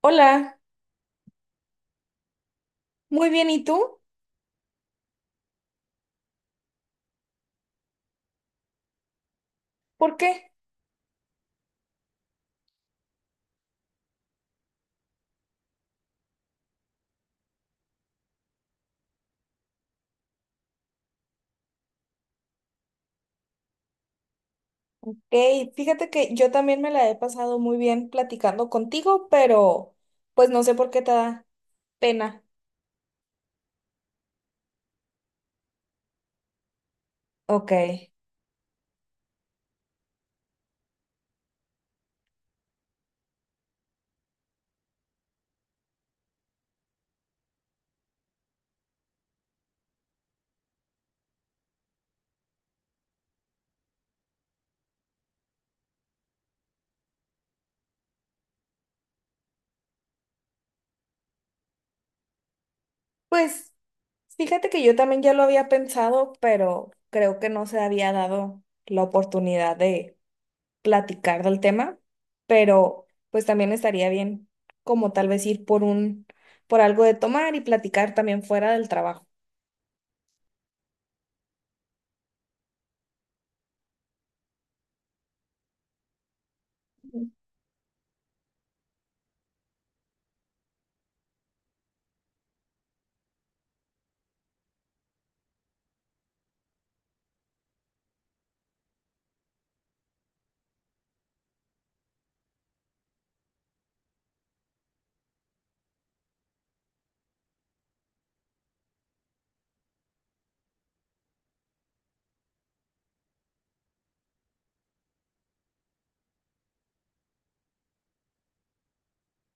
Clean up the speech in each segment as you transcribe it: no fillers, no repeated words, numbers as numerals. Hola, muy bien, ¿y tú? ¿Por qué? Ok, fíjate que yo también me la he pasado muy bien platicando contigo, pero pues no sé por qué te da pena. Ok, pues fíjate que yo también ya lo había pensado, pero creo que no se había dado la oportunidad de platicar del tema, pero pues también estaría bien como tal vez ir por un, por algo de tomar y platicar también fuera del trabajo.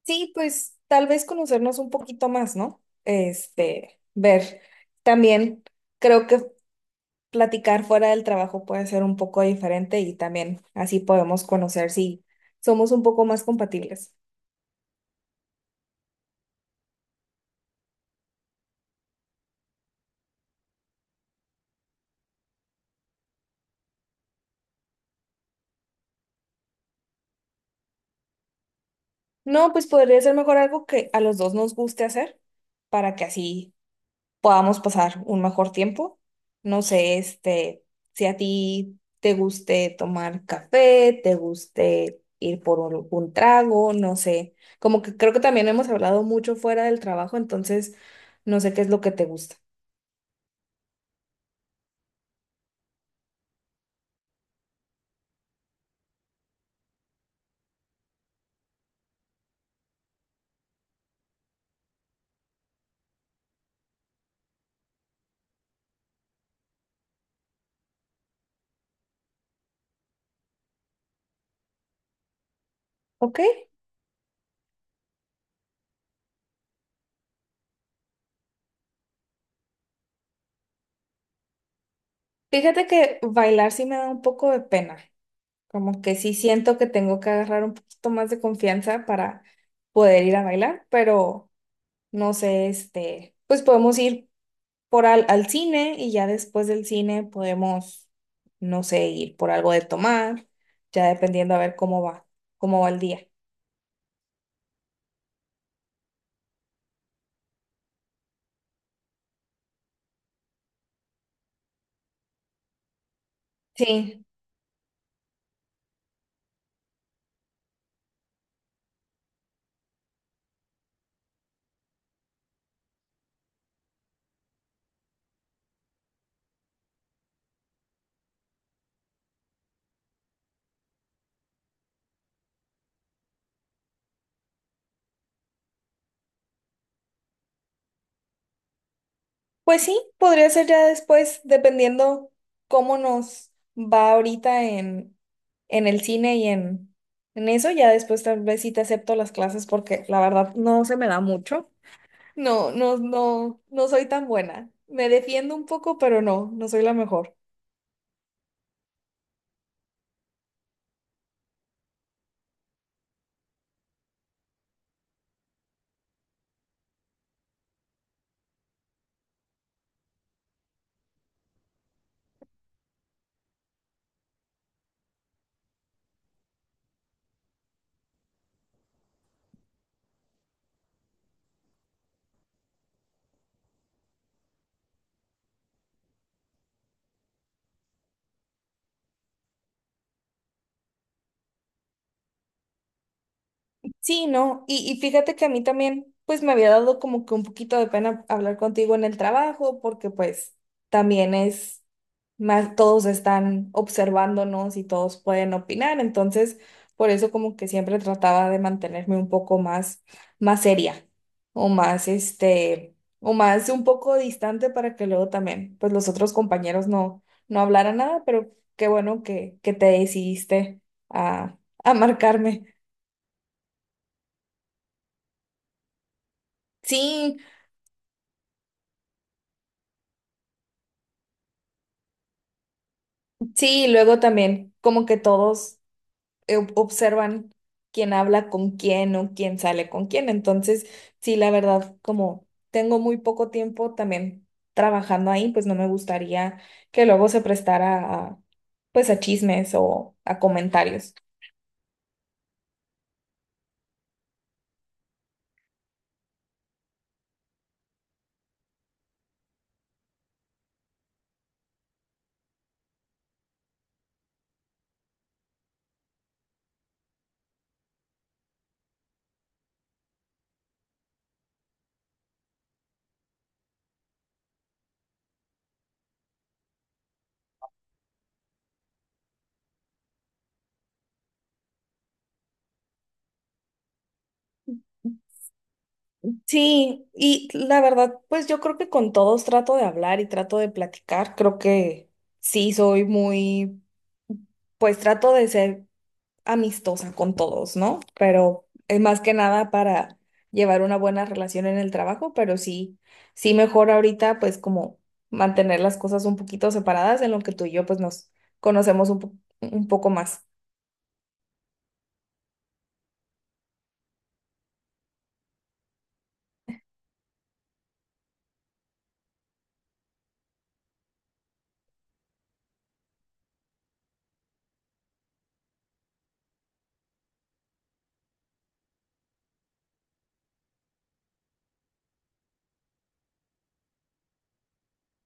Sí, pues tal vez conocernos un poquito más, ¿no? Este, ver. También creo que platicar fuera del trabajo puede ser un poco diferente y también así podemos conocer si somos un poco más compatibles. No, pues podría ser mejor algo que a los dos nos guste hacer para que así podamos pasar un mejor tiempo. No sé, este, si a ti te guste tomar café, te guste ir por un trago, no sé. Como que creo que también hemos hablado mucho fuera del trabajo, entonces no sé qué es lo que te gusta. ¿Ok? Fíjate que bailar sí me da un poco de pena. Como que sí siento que tengo que agarrar un poquito más de confianza para poder ir a bailar, pero no sé, este, pues podemos ir por al, al cine y ya después del cine podemos, no sé, ir por algo de tomar, ya dependiendo a ver cómo va el día. Sí, pues sí, podría ser ya después, dependiendo cómo nos va ahorita en el cine y en eso, ya después tal vez sí te acepto las clases porque la verdad no se me da mucho. No, no, no, no soy tan buena. Me defiendo un poco, pero no, no soy la mejor. Sí, no, y fíjate que a mí también, pues me había dado como que un poquito de pena hablar contigo en el trabajo, porque pues también es más, todos están observándonos y todos pueden opinar, entonces por eso como que siempre trataba de mantenerme un poco más, más seria o más, este, o más un poco distante para que luego también, pues los otros compañeros no, no hablaran nada, pero qué bueno que te decidiste a, a marcarme. Sí, sí, y luego también como que todos observan quién habla con quién o quién sale con quién. Entonces, sí, la verdad, como tengo muy poco tiempo también trabajando ahí, pues no me gustaría que luego se prestara a, pues a chismes o a comentarios. Sí, y la verdad, pues yo creo que con todos trato de hablar y trato de platicar. Creo que sí soy muy, pues trato de ser amistosa con todos, ¿no? Pero es más que nada para llevar una buena relación en el trabajo, pero sí, sí mejor ahorita pues como mantener las cosas un poquito separadas en lo que tú y yo pues nos conocemos un poco más.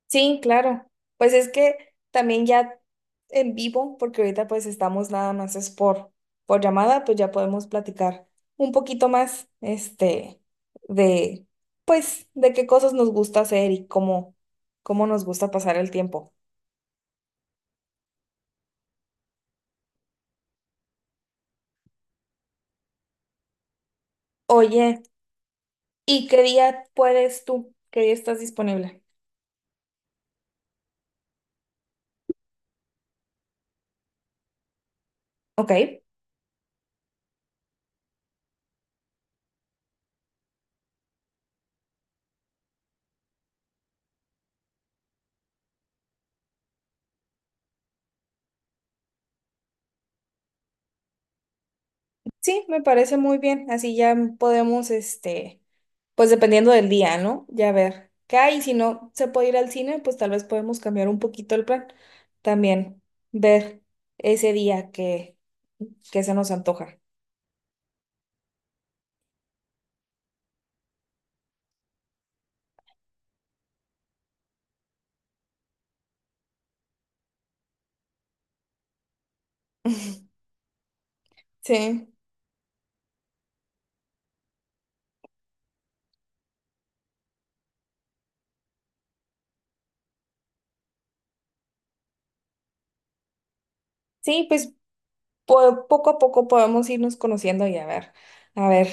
Sí, claro. Pues es que también ya en vivo, porque ahorita pues estamos nada más es por llamada, pues ya podemos platicar un poquito más, este, de, pues, de qué cosas nos gusta hacer y cómo, cómo nos gusta pasar el tiempo. Oye, ¿y qué día puedes tú? ¿Qué día estás disponible? Ok. Sí, me parece muy bien. Así ya podemos, este, pues dependiendo del día, ¿no? Ya ver qué hay. Si no se puede ir al cine, pues tal vez podemos cambiar un poquito el plan. También ver ese día que se nos antoja. Sí. Sí, pues poco a poco podemos irnos conociendo y a ver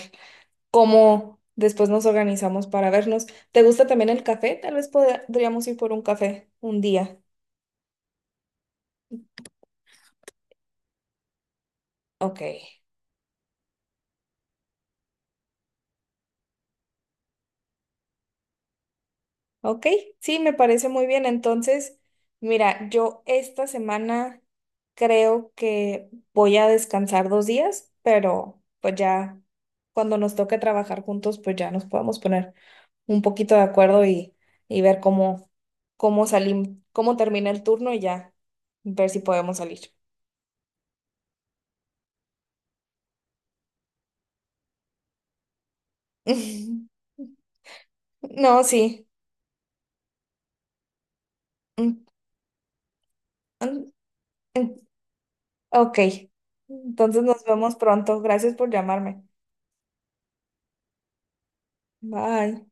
cómo después nos organizamos para vernos. ¿Te gusta también el café? Tal vez podríamos ir por un café un día. Ok. Ok, sí, me parece muy bien. Entonces, mira, yo esta semana creo que voy a descansar 2 días, pero pues ya cuando nos toque trabajar juntos, pues ya nos podemos poner un poquito de acuerdo y ver cómo, cómo salimos, cómo termina el turno y ya ver si podemos salir. No, sí. Mm, mm, mm, Ok, entonces nos vemos pronto. Gracias por llamarme. Bye.